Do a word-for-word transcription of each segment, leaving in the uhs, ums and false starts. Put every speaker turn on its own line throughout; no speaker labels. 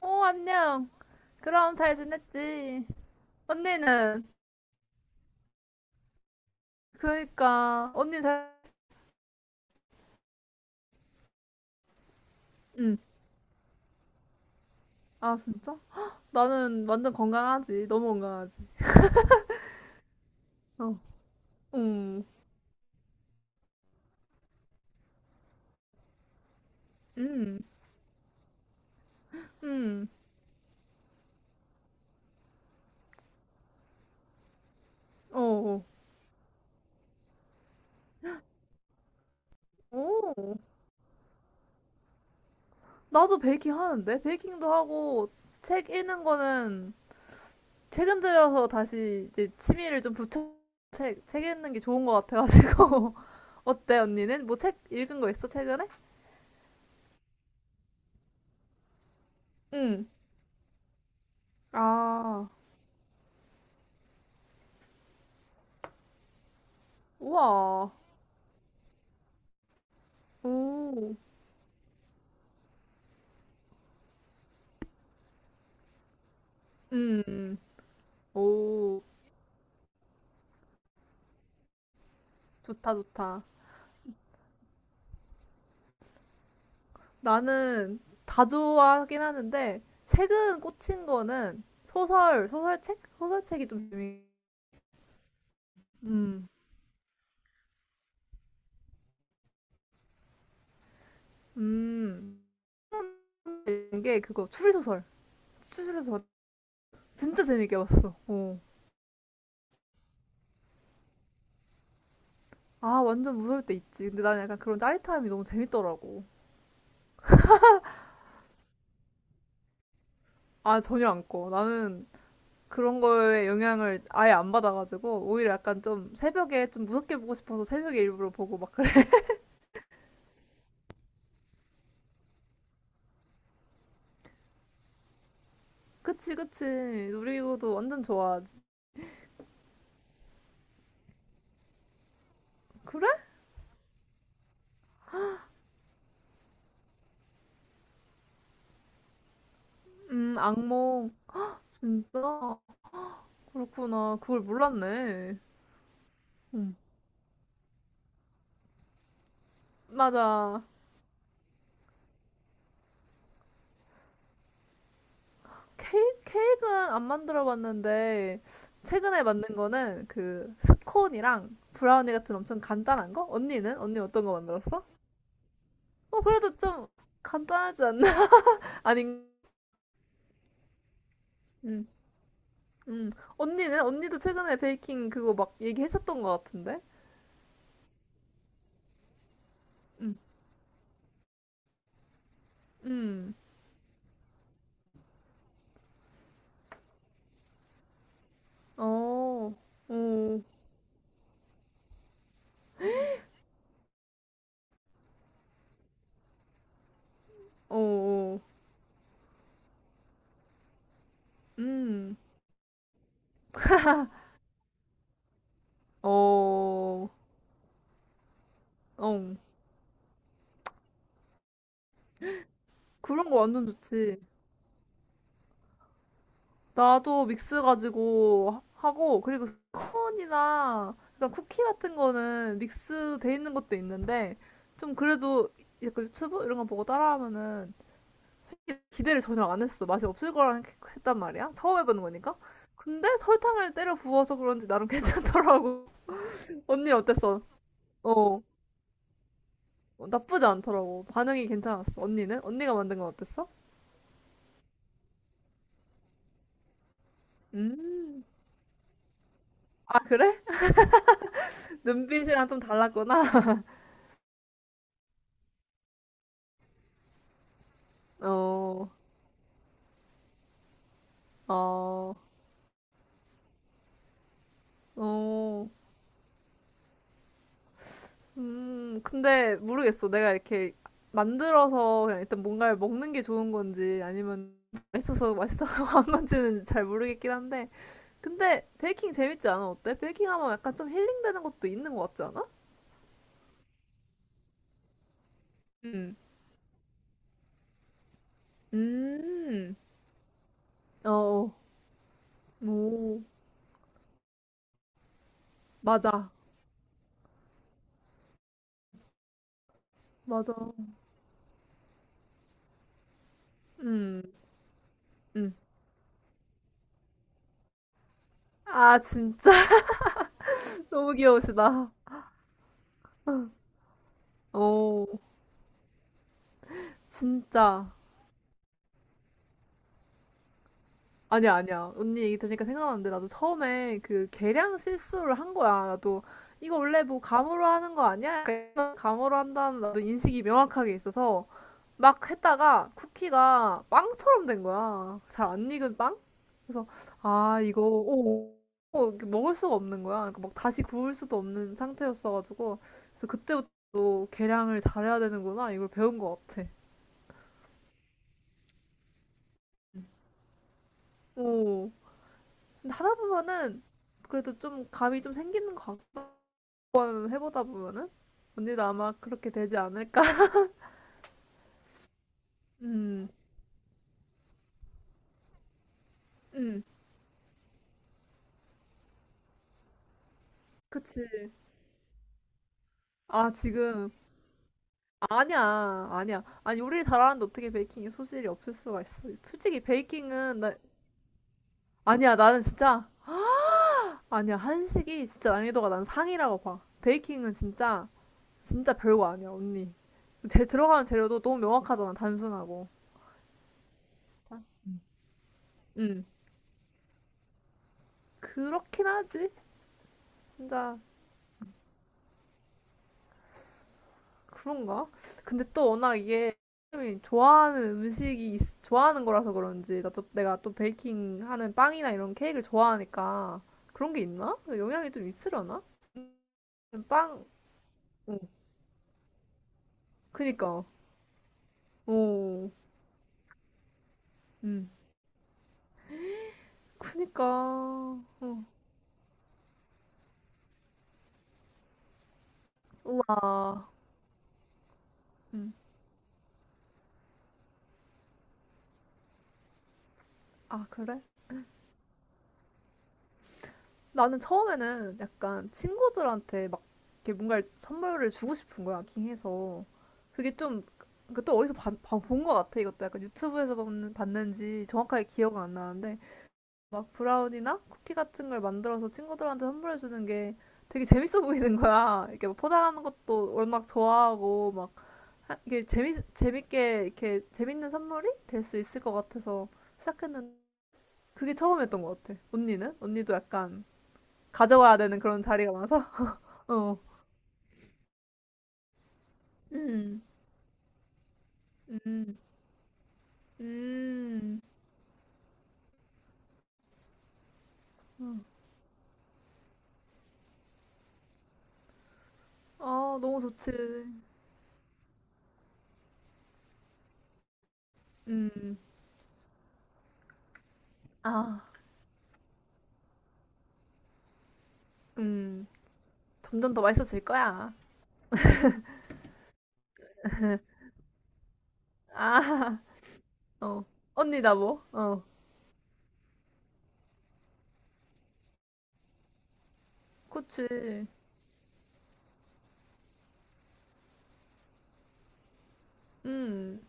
어, 안녕. 그럼 잘 지냈지? 언니는? 그러니까 언니 잘. 응. 아, 진짜? 나는 완전 건강하지. 너무 건강하지. 어. 음. 음. 음. 어. 어. 오. 나도 베이킹 하는데. 베이킹도 하고 책 읽는 거는 최근 들어서 다시 이제 취미를 좀 붙여 책, 책 읽는 게 좋은 것 같아가지고. 어때, 언니는? 뭐 책 읽은 거 있어, 최근에? 응. 아. 우와. 오. 음, 오, 좋다, 좋다. 나는 다 좋아하긴 하는데, 최근 꽂힌 거는 소설, 소설책? 소설책이 좀 재미. 음, 음, 이게 그거, 추리소설. 추리소설 진짜 재밌게 봤어. 어. 아, 완전 무서울 때 있지. 근데 나는 약간 그런 짜릿함이 너무 재밌더라고. 아, 전혀 안 꺼. 나는 그런 거에 영향을 아예 안 받아가지고, 오히려 약간 좀 새벽에 좀 무섭게 보고 싶어서 새벽에 일부러 보고 막. 그치, 그치. 놀이기구도 완전 좋아하지. 그래? 음, 악몽. 진짜? 그렇구나. 그걸 몰랐네. 음. 맞아. 케이크, 케이크는 안 만들어 봤는데, 최근에 만든 거는 그 스콘이랑 브라우니 같은 엄청 간단한 거? 언니는? 언니 어떤 거 만들었어? 어, 그래도 좀 간단하지 않나? 아닌. 음, 음. 언니는? 언니도 최근에 베이킹 그거 막 얘기했었던 것 같은데? 음, 음. 어, 어. 어어. 음. 어. 어. 그런 거 완전 좋지. 나도 믹스 가지고 하- 하고, 그리고 스콘이나 그러니까 쿠키 같은 거는 믹스 돼 있는 것도 있는데 좀 그래도 약간 유튜브 이런 거 보고 따라하면은 기대를 전혀 안 했어. 맛이 없을 거라 생각- 했단 말이야. 처음 해보는 거니까. 근데 설탕을 때려 부어서 그런지 나름 괜찮더라고. 언니 어땠어? 어. 나쁘지 않더라고. 반응이 괜찮았어. 언니는? 언니가 만든 건 어땠어? 음. 아, 그래? 눈빛이랑 좀 달랐구나. 어, 어, 어, 음, 근데 모르겠어. 내가 이렇게 만들어서 그냥 일단 뭔가를 먹는 게 좋은 건지, 아니면 맛있어서 맛있어서 한 건지는 잘 모르겠긴 한데. 근데 베이킹 재밌지 않아? 어때? 베이킹 하면 약간 좀 힐링되는 것도 있는 것 같지 않아? 음, 음, 어, 어. 오, 맞아, 맞아. 음, 음. 아, 진짜. 너무 귀여우시다. 오, 진짜. 아니야, 아니야. 언니 얘기 들으니까 생각났는데, 나도 처음에 그 계량 실수를 한 거야. 나도, 이거 원래 뭐 감으로 하는 거 아니야? 약간 감으로 한다는 나도 인식이 명확하게 있어서, 막 했다가 쿠키가 빵처럼 된 거야. 잘 안 익은 빵? 그래서, 아, 이거, 오, 오, 이렇게 먹을 수가 없는 거야. 그러니까 막 다시 구울 수도 없는 상태였어가지고, 그래서 그때부터 또 계량을 잘해야 되는구나. 이걸 배운 것 같아. 오. 근데 하다 보면은, 그래도 좀 감이 좀 생기는 것 같아. 한번 해보다 보면은 언니도 아마 그렇게 되지 않을까? 음, 음, 그치. 아, 지금. 아니야, 아니야. 아니, 요리를 잘하는데 어떻게 베이킹에 소질이 없을 수가 있어. 솔직히 베이킹은, 나, 아니야, 나는 진짜, 아니야, 한식이 진짜 난이도가 난 상이라고 봐. 베이킹은 진짜, 진짜 별거 아니야, 언니. 제 들어가는 재료도 너무 명확하잖아, 단순하고. 음, 그렇긴 하지. 진짜, 그런가? 근데 또 워낙 이게 사람이 좋아하는 음식이 있- 좋아하는 거라서 그런지, 나 또, 내가 또 베이킹 하는 빵이나 이런 케이크를 좋아하니까 그런 게 있나? 영향이 좀 있으려나? 빵. 그니까. 오, 음. 그니까. 어. 우와. 음. 아 그래? 나는 처음에는 약간 친구들한테 막 이렇게 뭔가 선물을 주고 싶은 거야, 킹해서. 그게 좀, 그또 어디서 본거 같아, 이것도. 약간 유튜브에서 봤는, 봤는지 정확하게 기억은 안 나는데, 막 브라운이나 쿠키 같은 걸 만들어서 친구들한테 선물해주는 게 되게 재밌어 보이는 거야. 이렇게 막 포장하는 것도 워낙 좋아하고, 막, 하- 이게 재미, 재밌게, 이렇게 재밌는 선물이 될 수 있을 것 같아서 시작했는데, 그게 처음이었던 것 같아. 언니는? 언니도 약간 가져와야 되는 그런 자리가 많아서. 어. 음, 음, 음. 어. 아, 너무 좋지. 음. 아, 음. 점점 더 맛있어질 거야. 아. 어. 언니 나 뭐? 어. 그치. 음.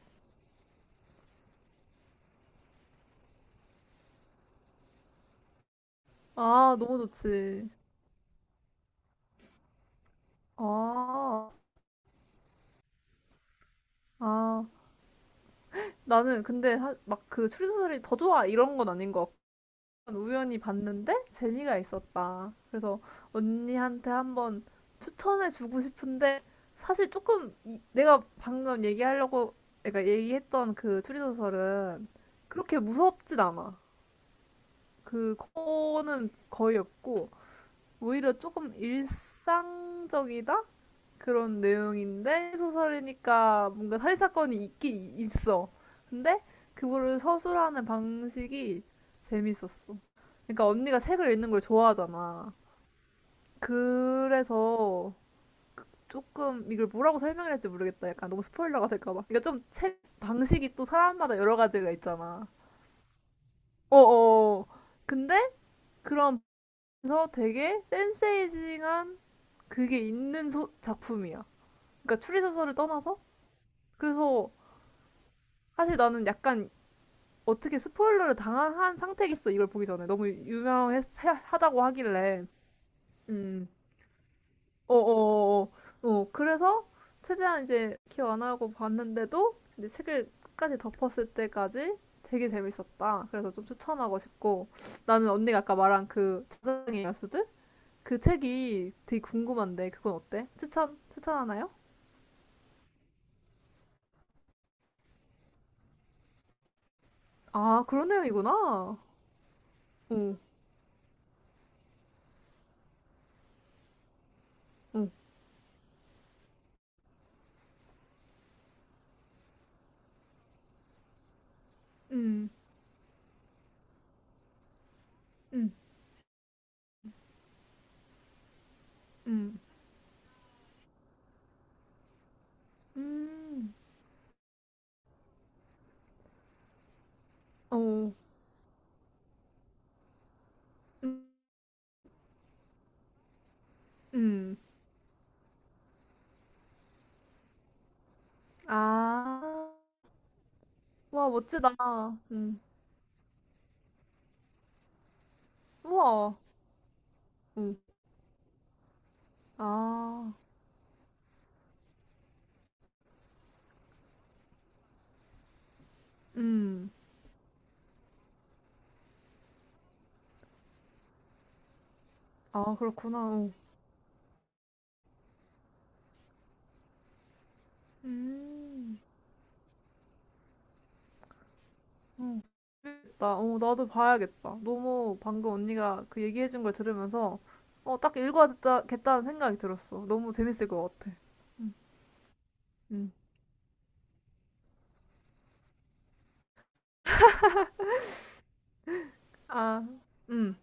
아, 너무 좋지. 아. 아. 나는 근데 막 그 추리소설이 더 좋아 이런 건 아닌 것. 우연히 봤는데 재미가 있었다. 그래서 언니한테 한번 추천해 주고 싶은데, 사실 조금 이- 내가 방금 얘기하려고, 내가 얘기했던 그 추리소설은 그렇게 무섭진 않아. 그거는 거의 없고 오히려 조금 일상적이다? 그런 내용인데 소설이니까 뭔가 살인 사건이 있긴 있어. 근데 그거를 서술하는 방식이 재밌었어. 그러니까 언니가 책을 읽는 걸 좋아하잖아. 그래서 조금 이걸 뭐라고 설명을 할지 모르겠다. 약간 너무 스포일러가 될까봐. 그러니까 좀 책 방식이 또 사람마다 여러 가지가 있잖아. 어어. 근데 그런, 그래서 되게 센세이징한 그게 있는 소- 작품이야. 그러니까 추리 소설을 떠나서, 그래서 사실 나는 약간 어떻게 스포일러를 당한 상태겠어, 이걸 보기 전에 너무 유명하다고 하길래. 음. 어어어어, 어, 어, 어. 어, 그래서 최대한 이제 기억 안 하고 봤는데도, 이제 책을 끝까지 덮었을 때까지 되게 재밌었다. 그래서 좀 추천하고 싶고, 나는 언니가 아까 말한 그 자장의 야수들, 그 책이 되게 궁금한데 그건 어때? 추천 추천하나요? 아, 그런 내용이구나. 오. 오. 음, 음, 음, 음, 어, 음. 음. 아. 와, 멋지다. 음. 우와. 음. 아. 음. 아, 그렇구나. 어. 음. 어. 나, 어, 나도 봐야겠다. 너무 방금 언니가 그 얘기해준 걸 들으면서 어, 딱 읽어야겠다는 생각이 들었어. 너무 재밌을 것 같아. 음. 음. 아. 음.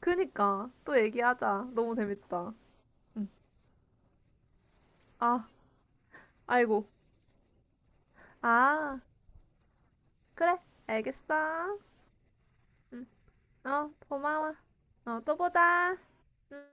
그니까 또 얘기하자. 너무 재밌다. 음. 아, 아이고. 아, 그래. 알겠어. 음. 어, 고마워. 어, 또 보자. 응.